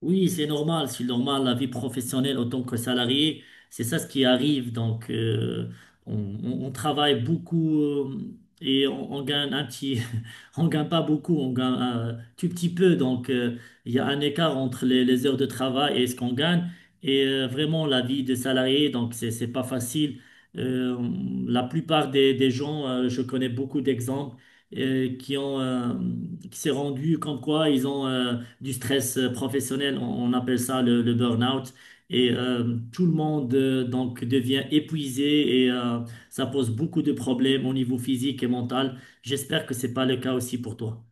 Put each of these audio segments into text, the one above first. Oui, c'est normal, la vie professionnelle autant que salarié, c'est ça ce qui arrive. Donc, on, on travaille beaucoup et on gagne un petit, on gagne pas beaucoup, on gagne un tout petit peu. Donc, il y a un écart entre les heures de travail et ce qu'on gagne. Et vraiment, la vie de salarié, donc, c'est pas facile. Euh, la plupart des gens, je connais beaucoup d'exemples qui ont, qui s'est rendu comme quoi ils ont, du stress professionnel, on appelle ça le burn-out. Et tout le monde donc devient épuisé et ça pose beaucoup de problèmes au niveau physique et mental. J'espère que c'est pas le cas aussi pour toi.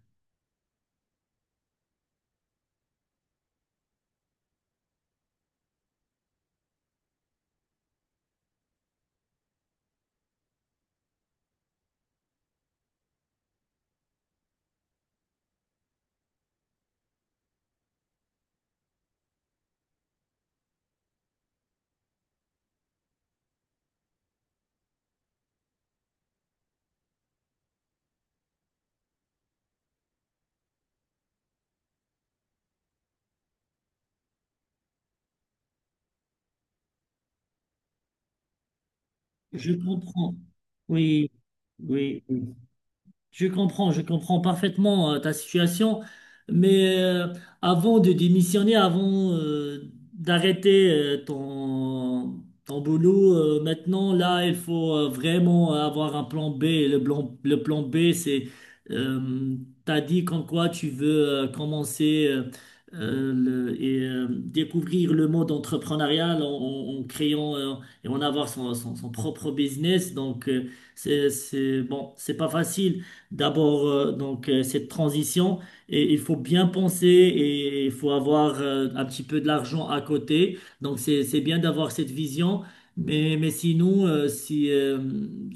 Je comprends. Oui, oui. Oui. Je comprends parfaitement ta situation, mais avant de démissionner, avant d'arrêter ton boulot, maintenant, là, il faut vraiment avoir un plan B. Et le plan, le plan B, c'est, euh, t'as dit comme quoi tu veux commencer et découvrir le monde entrepreneurial en, en créant et en avoir son, son propre business. Donc, bon, c'est pas facile d'abord donc cette transition et il faut bien penser et il faut avoir un petit peu de l'argent à côté. Donc c'est bien d'avoir cette vision. Mais sinon,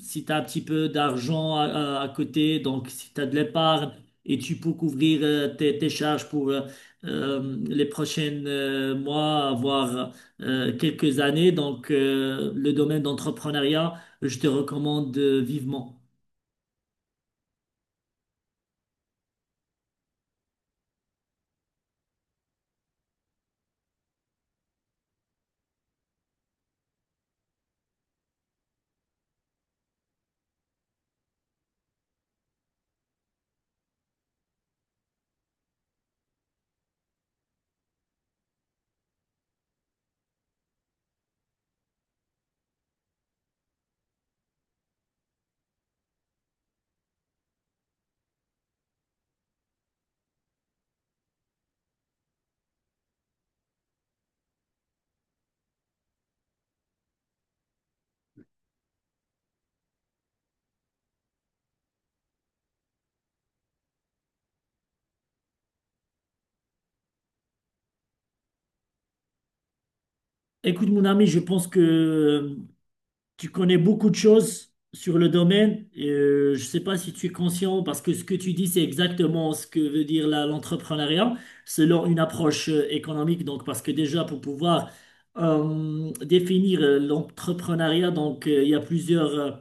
si tu as un petit peu d'argent à côté, donc si tu as de l'épargne et tu peux couvrir tes charges pour les prochaines mois, voire quelques années, donc le domaine d'entrepreneuriat, je te recommande vivement. Écoute, mon ami, je pense que tu connais beaucoup de choses sur le domaine. Et, je ne sais pas si tu es conscient, parce que ce que tu dis, c'est exactement ce que veut dire l'entrepreneuriat selon une approche économique. Donc, parce que déjà, pour pouvoir définir l'entrepreneuriat, donc il y a plusieurs, euh,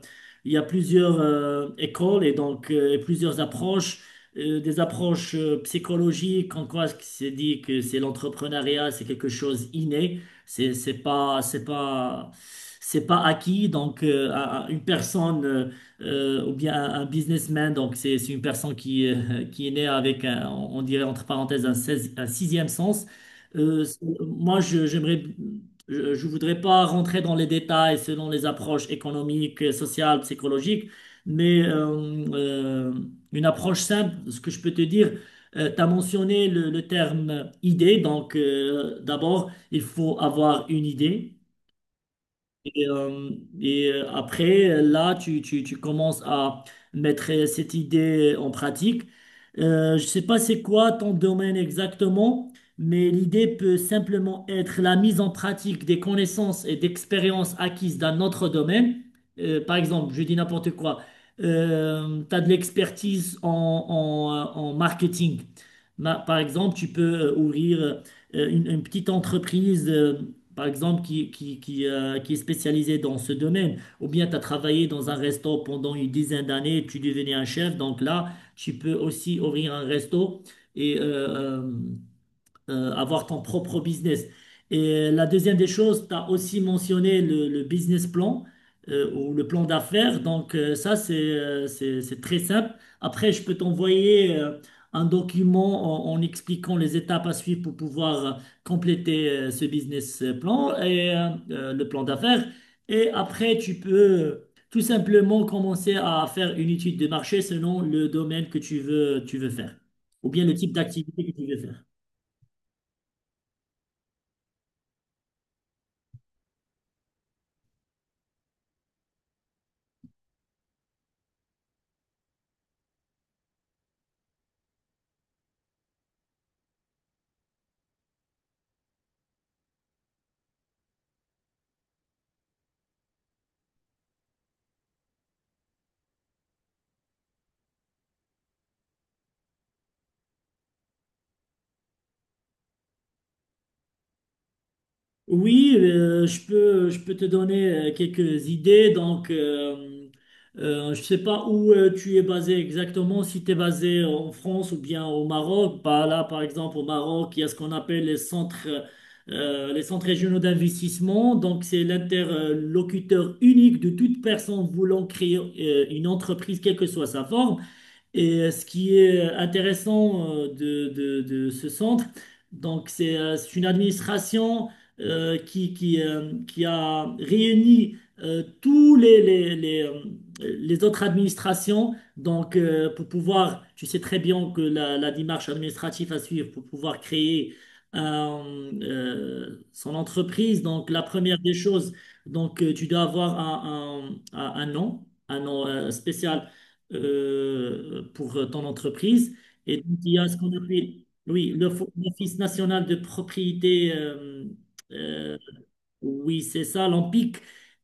il y a plusieurs écoles et donc plusieurs approches. Des approches psychologiques, en quoi c'est dit que c'est l'entrepreneuriat, c'est quelque chose inné. C'est c'est pas c'est pas c'est pas acquis donc à une personne ou bien un businessman donc c'est une personne qui est née avec un, on dirait entre parenthèses un sixième sens. Moi, je voudrais pas rentrer dans les détails selon les approches économiques, sociales, psychologiques, mais une approche simple, ce que je peux te dire. Tu as mentionné le terme idée, donc d'abord, il faut avoir une idée. Et, euh, et, après, là, tu commences à mettre cette idée en pratique. Je ne sais pas c'est quoi ton domaine exactement, mais l'idée peut simplement être la mise en pratique des connaissances et d'expériences acquises dans notre domaine. Par exemple, je dis n'importe quoi, tu as de l'expertise en, en marketing. Par exemple, tu peux ouvrir une petite entreprise, par exemple, qui, qui est spécialisé dans ce domaine, ou bien tu as travaillé dans un resto pendant une dizaine d'années, tu devenais un chef, donc là, tu peux aussi ouvrir un resto et avoir ton propre business. Et la deuxième des choses, tu as aussi mentionné le business plan ou le plan d'affaires. Donc ça, c'est c'est très simple. Après, je peux t'envoyer un document en expliquant les étapes à suivre pour pouvoir compléter ce business plan et le plan d'affaires. Et après, tu peux tout simplement commencer à faire une étude de marché selon le domaine que tu veux faire ou bien le type d'activité que tu veux faire. Oui, je peux te donner quelques idées. Donc, je ne sais pas où tu es basé exactement, si tu es basé en France ou bien au Maroc. Bah, là, par exemple, au Maroc, il y a ce qu'on appelle les centres régionaux d'investissement. Donc, c'est l'interlocuteur unique de toute personne voulant créer une entreprise, quelle que soit sa forme. Et ce qui est intéressant de ce centre, donc c'est une administration qui a réuni tous les autres administrations donc, pour pouvoir, tu sais très bien que la démarche administrative à suivre pour pouvoir créer son entreprise, donc la première des choses, donc tu dois avoir un nom spécial pour ton entreprise. Et donc, il y a ce qu'on appelle, oui, l'Office national de propriété, euh, oui, c'est ça, l'OMPIC.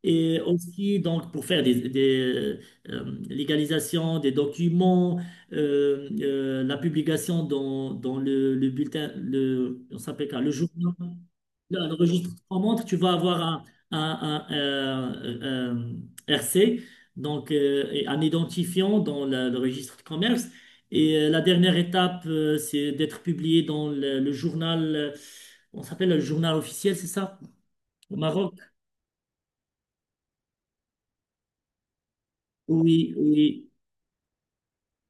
Et aussi, donc, pour faire des légalisations, des documents, la publication dans le bulletin, le, on s'appelle quoi, le journal. Dans le registre en montre, tu vas avoir un- un, euh, un RC, donc et un identifiant dans le registre de commerce. Et la dernière étape, c'est d'être publié dans le journal, on s'appelle le journal officiel, c'est ça, au Maroc? Oui, oui.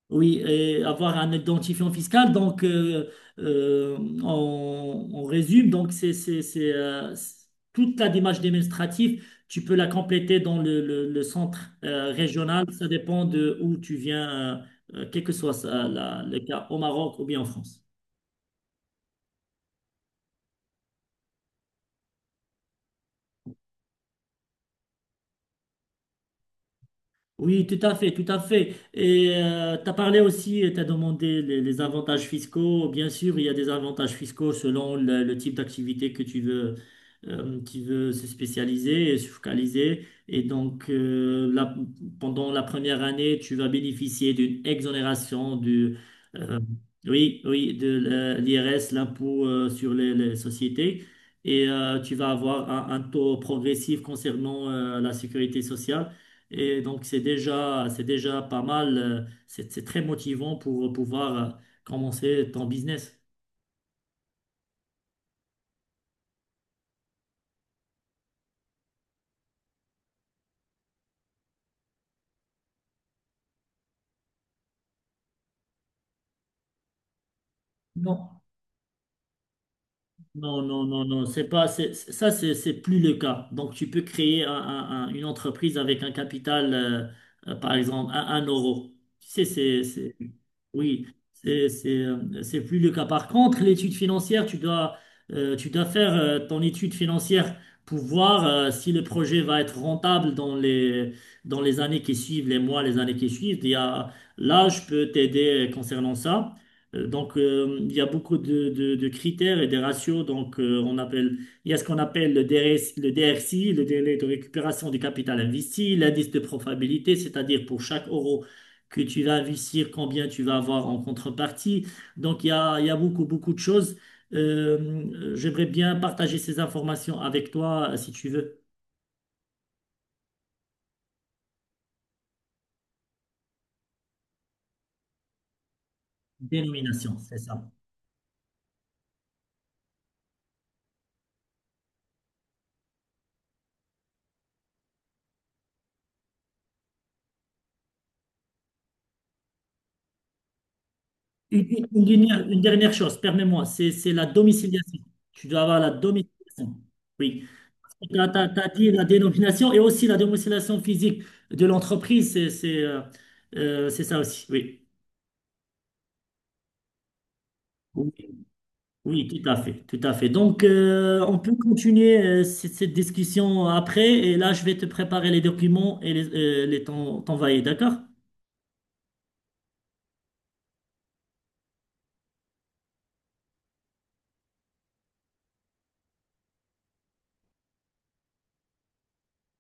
Oui, et avoir un identifiant fiscal. Donc, euh, on résume. Donc, toute la démarche administrative. Tu peux la compléter dans le centre régional. Ça dépend de où tu viens, quel que soit ça, le cas, au Maroc ou bien en France. Oui, tout à fait, tout à fait. Et tu as parlé aussi, tu as demandé les avantages fiscaux. Bien sûr, il y a des avantages fiscaux selon le type d'activité que tu veux se spécialiser et se focaliser. Et donc, pendant la première année, tu vas bénéficier d'une exonération du, euh, oui, oui, de l'IRS, l'impôt sur les sociétés. Et tu vas avoir un taux progressif concernant la sécurité sociale. Et donc, c'est déjà pas mal. C'est très motivant pour pouvoir commencer ton business. Non. Non, non, non, non, c'est pas, c'est- ça, c'est plus le cas. Donc, tu peux créer une entreprise avec un capital, par exemple, un euro. Tu sais, oui, c'est plus le cas. Par contre, l'étude financière, tu dois faire, ton étude financière pour voir, si le projet va être rentable dans les années qui suivent, les mois, les années qui suivent. Là, je peux t'aider concernant ça. Donc, il y a beaucoup de critères et des ratios. Donc, il y a ce qu'on appelle le DRCI, le délai de récupération du capital investi, l'indice de profitabilité, c'est-à-dire pour chaque euro que tu vas investir, combien tu vas avoir en contrepartie. Donc, il y a beaucoup, beaucoup de choses. J'aimerais bien partager ces informations avec toi, si tu veux. Dénomination, c'est ça. Une dernière chose, permets-moi, c'est la domiciliation. Tu dois avoir la domiciliation. Oui. Tu as dit la dénomination et aussi la démonstration physique de l'entreprise, c'est c'est ça aussi, oui. Oui, oui, tout à fait, tout à fait. Donc, on peut continuer cette discussion après et là, je vais te préparer les documents et les t'envoyer, d'accord?